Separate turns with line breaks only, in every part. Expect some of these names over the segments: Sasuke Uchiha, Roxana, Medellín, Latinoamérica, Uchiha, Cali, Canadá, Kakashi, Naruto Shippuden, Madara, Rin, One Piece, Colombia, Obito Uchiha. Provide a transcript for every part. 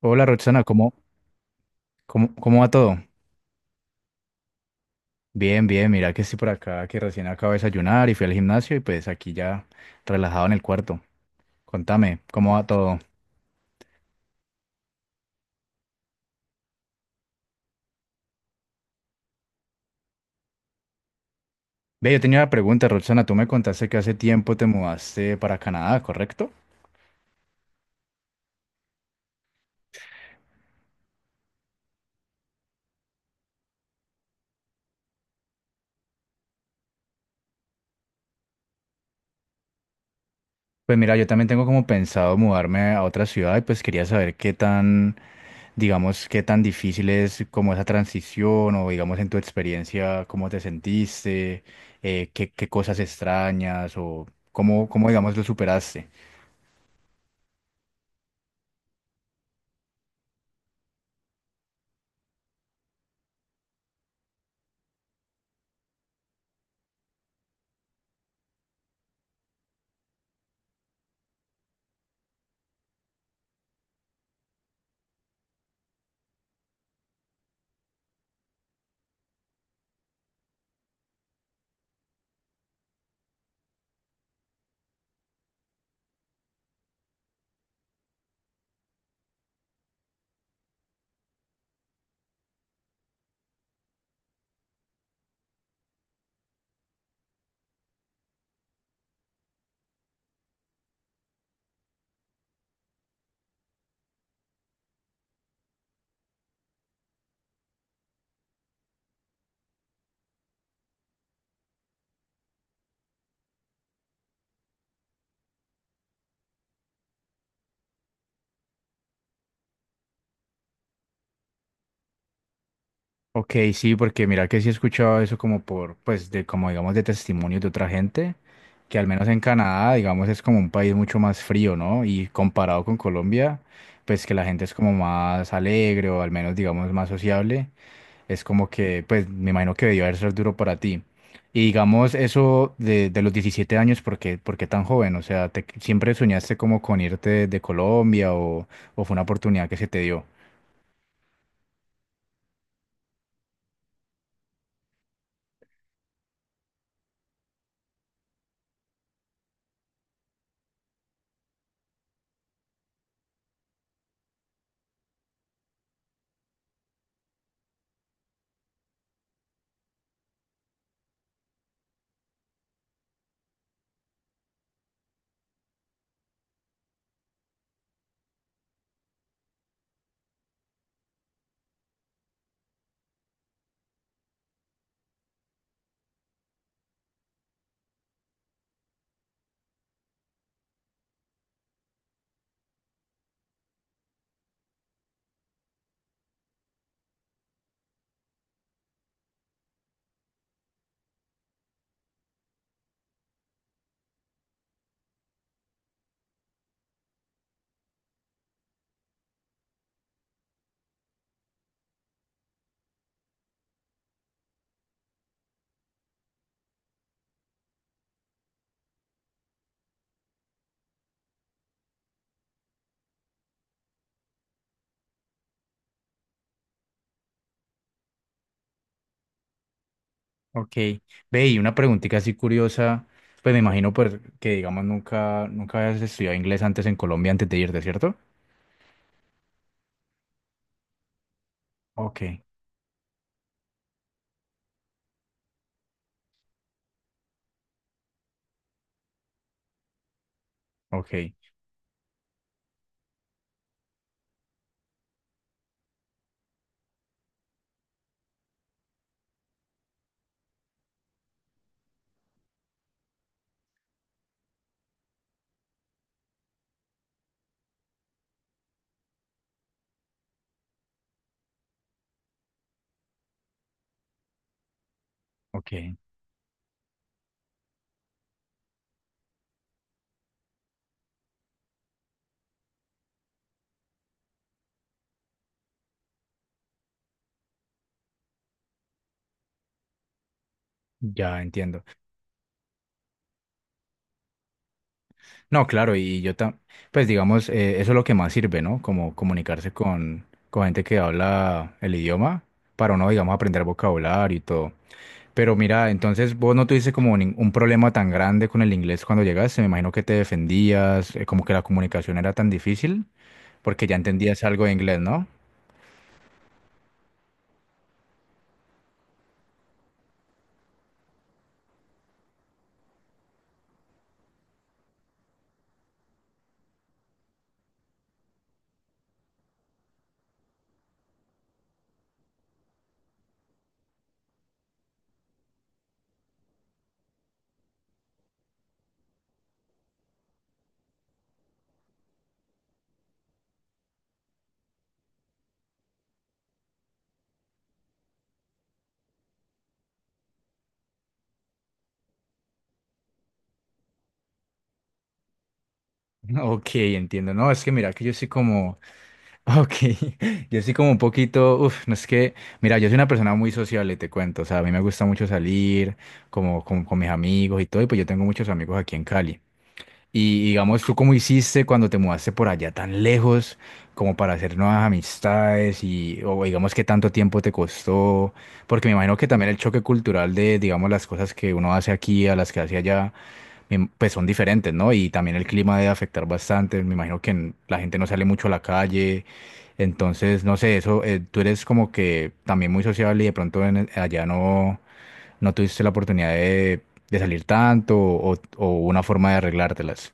Hola Roxana, ¿cómo, cómo va todo? Bien, bien, mira que estoy por acá, que recién acabo de desayunar y fui al gimnasio y pues aquí ya relajado en el cuarto. Contame, ¿cómo va todo? Ve, yo tenía una pregunta, Roxana, tú me contaste que hace tiempo te mudaste para Canadá, ¿correcto? Pues mira, yo también tengo como pensado mudarme a otra ciudad y pues quería saber qué tan, digamos, qué tan difícil es como esa transición o digamos en tu experiencia, cómo te sentiste, qué, qué cosas extrañas o cómo, cómo digamos lo superaste. Ok, sí, porque mira que sí he escuchado eso como por, pues de como digamos de testimonios de otra gente, que al menos en Canadá, digamos, es como un país mucho más frío, ¿no? Y comparado con Colombia, pues que la gente es como más alegre o al menos digamos más sociable. Es como que, pues, me imagino que debió haber ser duro para ti. Y digamos eso de los 17 años, por qué tan joven? O sea, ¿siempre soñaste como con irte de Colombia o fue una oportunidad que se te dio? Ok. Ve, y una preguntita así curiosa, pues me imagino pues, que, digamos, nunca, nunca habías estudiado inglés antes en Colombia antes de irte, ¿cierto? Ok, ok, ok, ya entiendo. No, claro, y yo tam pues digamos, eso es lo que más sirve, ¿no? Como comunicarse con gente que habla el idioma para uno, digamos, aprender vocabulario y todo. Pero mira, entonces vos no tuviste como un problema tan grande con el inglés cuando llegaste, me imagino que te defendías, como que la comunicación era tan difícil, porque ya entendías algo de inglés, ¿no? Ok, entiendo. No, es que mira, que yo sí como... Ok, yo sí como un poquito, uff, no es que, mira, yo soy una persona muy sociable, te cuento, o sea, a mí me gusta mucho salir, como con mis amigos y todo, y pues yo tengo muchos amigos aquí en Cali. Y digamos, ¿tú cómo hiciste cuando te mudaste por allá tan lejos, como para hacer nuevas amistades y, o digamos, qué tanto tiempo te costó? Porque me imagino que también el choque cultural de, digamos, las cosas que uno hace aquí a las que hace allá, pues son diferentes, ¿no? Y también el clima debe afectar bastante. Me imagino que la gente no sale mucho a la calle. Entonces, no sé, eso, tú eres como que también muy sociable y de pronto allá no, no tuviste la oportunidad de salir tanto o una forma de arreglártelas.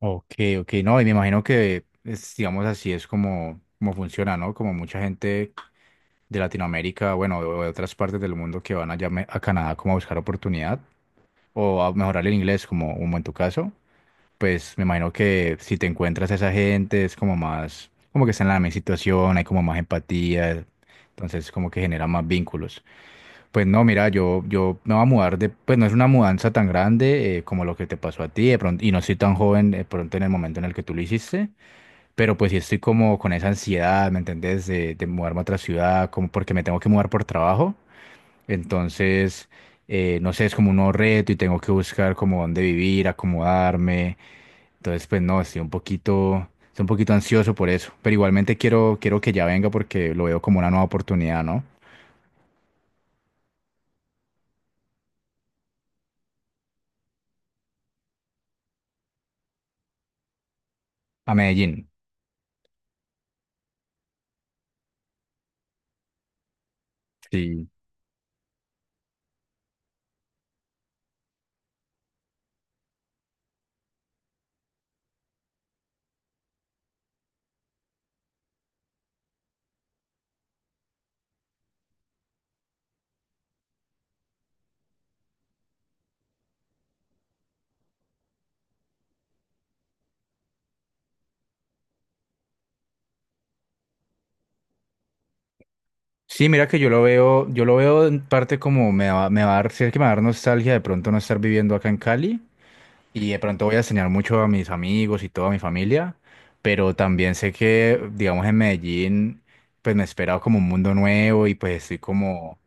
Ok, ok, no, y me imagino que, es, digamos así, es como, como funciona, ¿no? Como mucha gente de Latinoamérica, bueno, o de otras partes del mundo que van allá a Canadá como a buscar oportunidad o a mejorar el inglés, como, como en tu caso. Pues me imagino que si te encuentras a esa gente es como más, como que está en la misma situación, hay como más empatía, entonces como que genera más vínculos. Pues no, mira, yo me voy a mudar de, pues no es una mudanza tan grande como lo que te pasó a ti, de pronto, y no soy tan joven de pronto en el momento en el que tú lo hiciste, pero pues sí estoy como con esa ansiedad, ¿me entendés? De mudarme a otra ciudad, como porque me tengo que mudar por trabajo, entonces... no sé, es como un nuevo reto y tengo que buscar como dónde vivir, acomodarme. Entonces, pues no, estoy un poquito ansioso por eso. Pero igualmente quiero, quiero que ya venga porque lo veo como una nueva oportunidad, ¿no? A Medellín. Sí. Sí, mira que yo lo veo en parte como me va a dar, sí que me va a dar nostalgia de pronto no estar viviendo acá en Cali y de pronto voy a extrañar mucho a mis amigos y toda mi familia, pero también sé que, digamos, en Medellín, pues me espera como un mundo nuevo y pues estoy como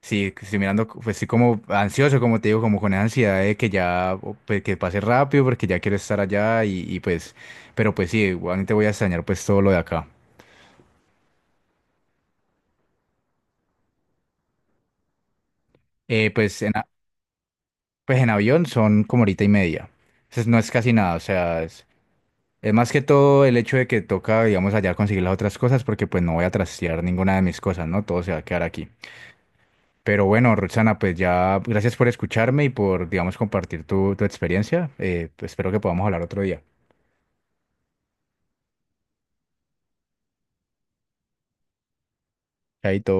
Sí, que estoy mirando, pues sí, como ansioso, como te digo, como con esa ansiedad de que ya, o, pues, que pase rápido, porque ya quiero estar allá y, pues, pero pues sí, igualmente voy a extrañar pues todo lo de acá. Pues, en, a- pues en avión son como horita y media, entonces no es casi nada, o sea, es más que todo el hecho de que toca, digamos, allá conseguir las otras cosas, porque pues no voy a trastear ninguna de mis cosas, ¿no? Todo se va a quedar aquí. Pero bueno, Roxana, pues ya, gracias por escucharme y por, digamos, compartir tu, tu experiencia, pues, espero que podamos hablar otro día. Chaito.